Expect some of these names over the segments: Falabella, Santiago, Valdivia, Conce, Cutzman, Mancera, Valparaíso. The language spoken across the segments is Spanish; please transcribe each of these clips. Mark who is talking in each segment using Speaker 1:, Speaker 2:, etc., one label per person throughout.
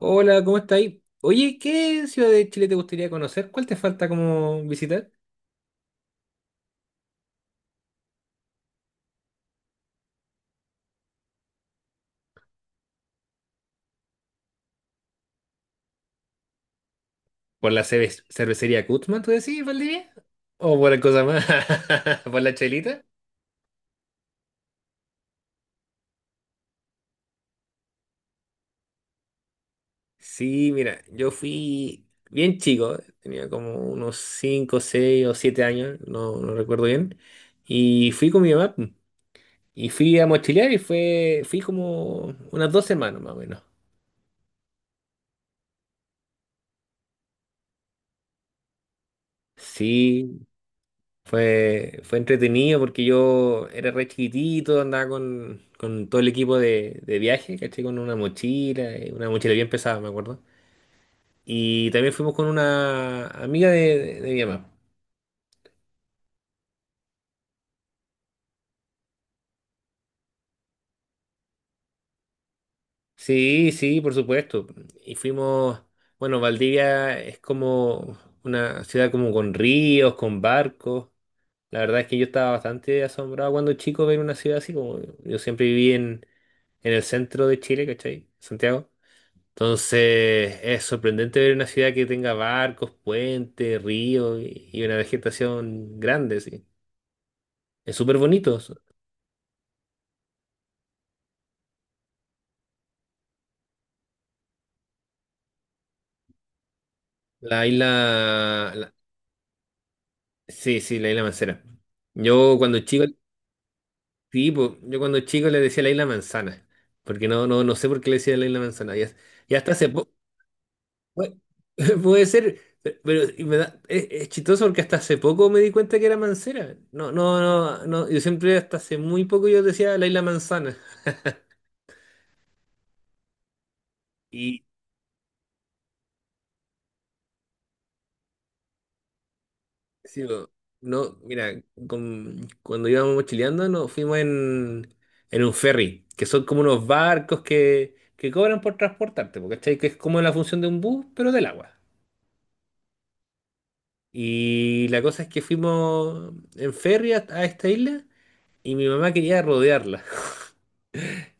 Speaker 1: Hola, ¿cómo está ahí? Oye, ¿qué ciudad de Chile te gustaría conocer? ¿Cuál te falta como visitar? ¿Por la cervecería Cutzman, tú decís, Valdivia? ¿O por la cosa más? ¿Por la chelita? Sí, mira, yo fui bien chico, tenía como unos 5, 6 o 7 años, no recuerdo bien, y fui con mi mamá pum, y fui a mochilear y fui como unas 2 semanas más o menos. Sí. Fue entretenido porque yo era re chiquitito, andaba con todo el equipo de viaje, ¿cachai? Con una mochila bien pesada, me acuerdo. Y también fuimos con una amiga de mi mamá. Sí, sí, por supuesto. Y fuimos, bueno, Valdivia es como una ciudad como con ríos, con barcos. La verdad es que yo estaba bastante asombrado cuando chico ver una ciudad así, como yo siempre viví en el centro de Chile, ¿cachai? Santiago. Entonces, es sorprendente ver una ciudad que tenga barcos, puentes, ríos y una vegetación grande, sí. Es súper bonito, eso. La isla, la- sí, sí, la isla Mancera. Yo cuando chico, sí, po. Yo cuando chico le decía la isla Manzana, porque no sé por qué le decía la isla Manzana. Y hasta hace poco, puede ser, pero es chistoso porque hasta hace poco me di cuenta que era Mancera. No, no, no, no, yo siempre hasta hace muy poco yo decía la isla Manzana. Sí, no, no, mira, cuando íbamos mochileando nos fuimos en un ferry, que son como unos barcos que cobran por transportarte, porque Que es como la función de un bus, pero del agua. Y la cosa es que fuimos en ferry a esta isla y mi mamá quería rodearla,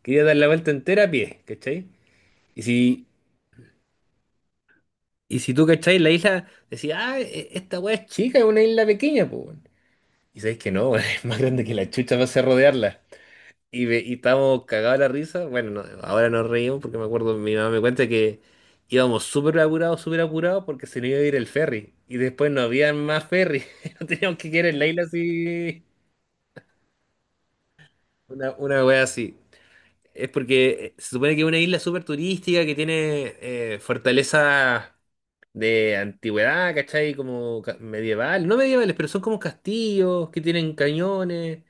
Speaker 1: quería dar la vuelta entera a pie, ¿cachai? Y si, y si tú, ¿cachai? La isla decía, ah, esta weá es chica, es una isla pequeña, pues. Y sabéis que no, es más grande que la chucha para hacer rodearla. Y estábamos cagados de la risa. Bueno, no, ahora nos reímos porque me acuerdo, mi mamá me cuenta que íbamos súper apurados porque se nos iba a ir el ferry. Y después no había más ferry. No teníamos que quedar en la isla así. Una wea así. Es porque se supone que es una isla súper turística que tiene fortalezas de antigüedad, ¿cachai? Como medieval. No medievales, pero son como castillos que tienen cañones.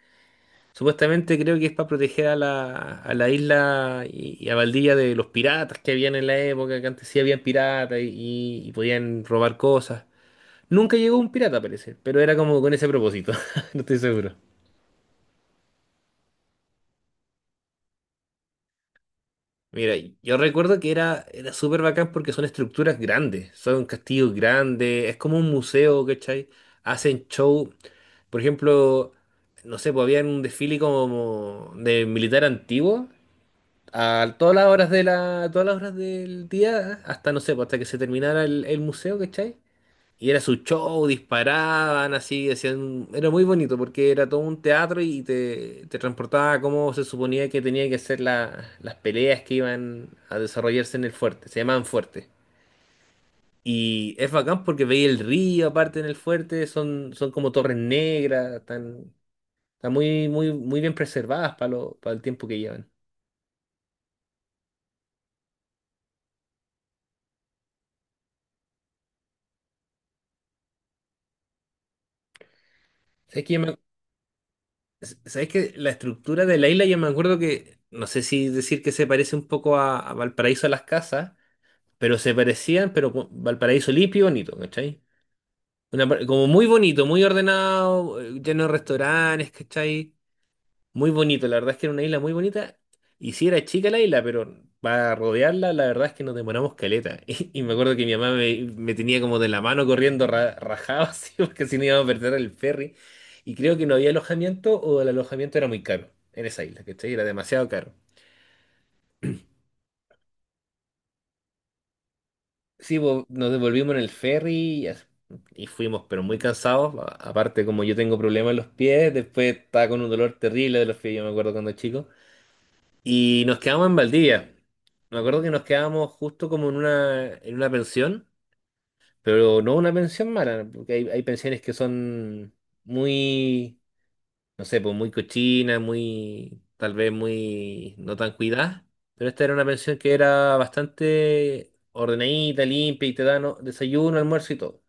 Speaker 1: Supuestamente creo que es para proteger a la isla y a Valdivia de los piratas que habían en la época, que antes sí habían piratas y podían robar cosas. Nunca llegó un pirata, parece, pero era como con ese propósito, no estoy seguro. Mira, yo recuerdo que era súper bacán porque son estructuras grandes, son castillos grandes, es como un museo, ¿cachai? Hacen show, por ejemplo, no sé, pues había un desfile como de militar antiguo a todas las horas de todas las horas del día, hasta no sé, pues, hasta que se terminara el museo, ¿cachai? Y era su show, disparaban así, hacían, era muy bonito porque era todo un teatro y te transportaba a cómo se suponía que tenía que ser las peleas que iban a desarrollarse en el fuerte, se llamaban fuerte. Y es bacán porque veía el río aparte en el fuerte, son como torres negras, están muy, muy, muy bien preservadas para para el tiempo que llevan. Es que yo me Sabes que la estructura de la isla, yo me acuerdo que, no sé si decir que se parece un poco a Valparaíso a las casas, pero se parecían, pero con Valparaíso limpio y bonito, ¿cachai? Una como muy bonito, muy ordenado, lleno de restaurantes, ¿cachai? Muy bonito, la verdad es que era una isla muy bonita. Y sí era chica la isla, pero para rodearla, la verdad es que nos demoramos caleta. Y me acuerdo que mi mamá me tenía como de la mano corriendo rajado, así, porque si no íbamos a perder el ferry. Y creo que no había alojamiento o el alojamiento era muy caro en esa isla, ¿cachai? Era demasiado caro. Sí, nos devolvimos en el ferry y, as- y fuimos, pero muy cansados. Aparte, como yo tengo problemas en los pies, después estaba con un dolor terrible de los pies, yo me acuerdo cuando chico. Y nos quedamos en Valdivia. Me acuerdo que nos quedamos justo como en una, pensión, pero no una pensión mala, porque hay pensiones que son muy, no sé, pues muy cochinas, muy, tal vez muy no tan cuidadas. Pero esta era una pensión que era bastante ordenadita, limpia y te dan ¿no? desayuno, almuerzo y todo.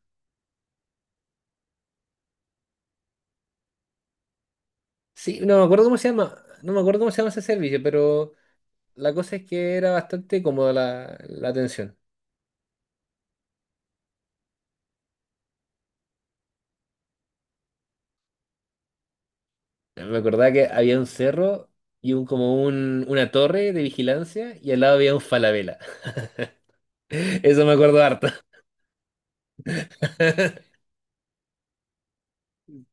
Speaker 1: Sí, no me acuerdo cómo se llama, no me acuerdo cómo se llama ese servicio, pero la cosa es que era bastante cómoda la atención. Me acordaba que había un cerro y un como una torre de vigilancia y al lado había un Falabella. Eso me acuerdo harto.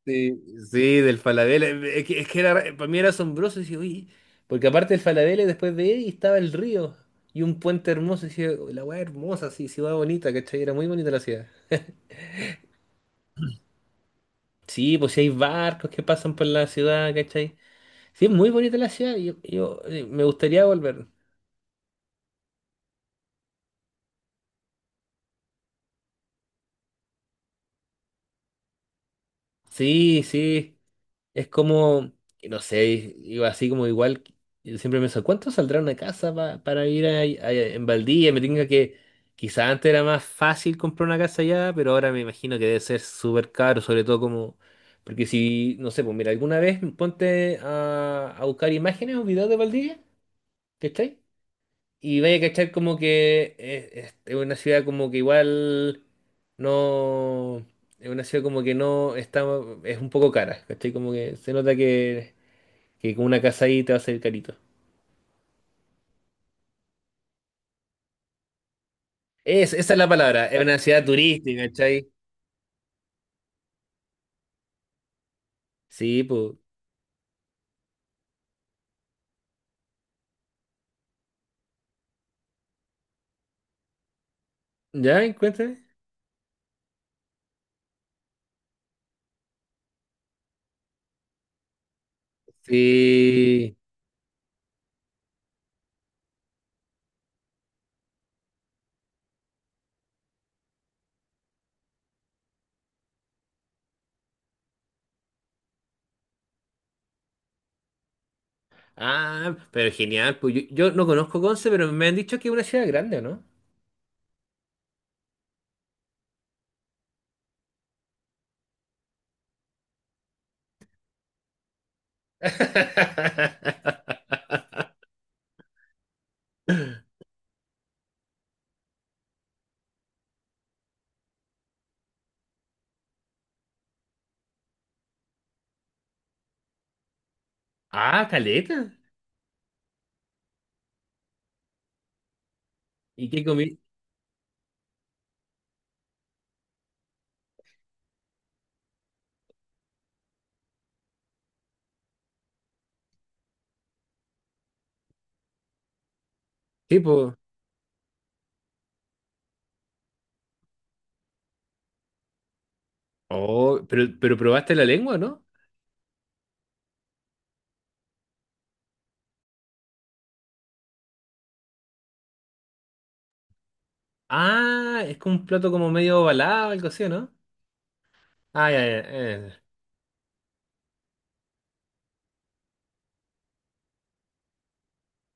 Speaker 1: Sí, sí, del Falabella. Es que era, para mí era asombroso. Decía, "Uy", porque aparte del Falabella, después de él estaba el río y un puente hermoso. Decía, la weá hermosa, sí, ciudad bonita, ¿cachai? Era muy bonita la ciudad. Sí, pues sí hay barcos que pasan por la ciudad, ¿cachai? Sí, es muy bonita la ciudad. Me gustaría volver. Sí, sí. Es como, no sé, iba así como igual, yo siempre me decía, ¿cuánto saldrá una casa para ir en Valdivia? Quizás antes era más fácil comprar una casa allá, pero ahora me imagino que debe ser súper caro, sobre todo como, porque si, no sé, pues mira, alguna vez ponte a buscar imágenes o videos de Valdivia, ¿cachai? Y vaya a cachar como que es una ciudad como que igual no... Es una ciudad como que no está... Es un poco cara, ¿cachai? Como que se nota que con una casa ahí te va a salir carito. Esa es la palabra, es una ciudad turística, ¿cachai? Sí, pues... ¿Ya? Cuéntame. Sí. Ah, pero genial. Pues yo no conozco Conce, pero me han dicho que es una ciudad grande, ¿o no? Ah, caleta. ¿Y qué comí? Sí, pues. Oh, pero probaste la lengua, ¿no? Ah, es como un plato como medio ovalado, algo así, ¿no? Ay, ay, ay.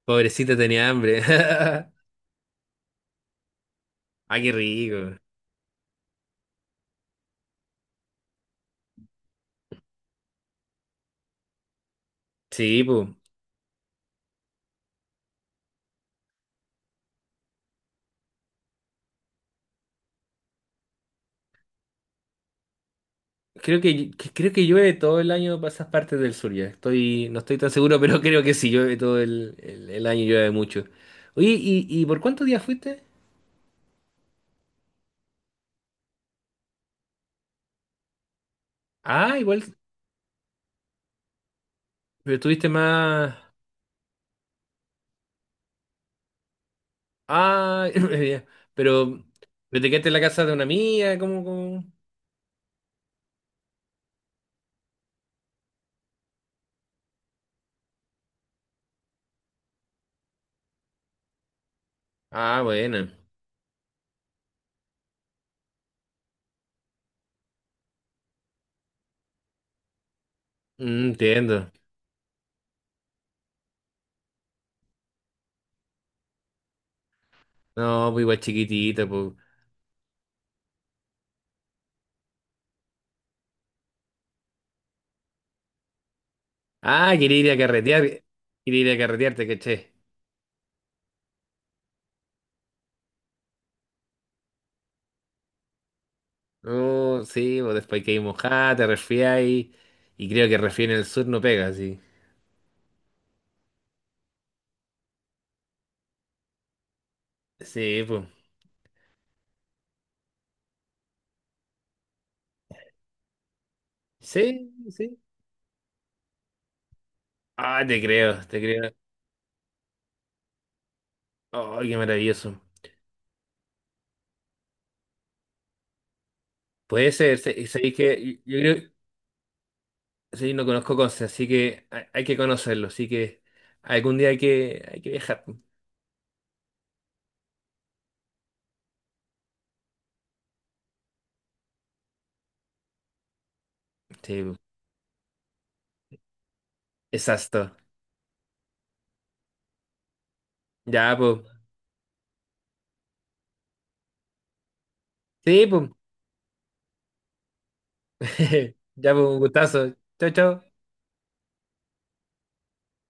Speaker 1: Pobrecita tenía hambre. Ay, qué rico. Sí, pues. Creo que llueve todo el año para esas partes del sur ya. No estoy tan seguro, pero creo que sí, llueve todo el año, llueve mucho. Oye, ¿y por cuántos días fuiste? Ah, igual, pero estuviste más. Ah, ya. pero, pero te quedaste en la casa de una amiga, ¿cómo, cómo? Ah, bueno. Mm, entiendo. No, pues igual chiquitito, pues. Ah, quería ir a carretear. Quería ir a carretear, te caché. No, sí, pues después que hay mojada, te resfriáis. Y creo que resfriar en el sur no pega, sí. Sí, pues. Sí, sí. Ah, te creo, te creo. Ay, qué maravilloso. Puede ser, sabéis que yo creo, sí, no conozco cosas, así que hay que conocerlo, así que algún día hay que viajar. Sí, pues. Exacto. Ya, pues. Sí, pues. Ya, pues, un gustazo. Chao, chao.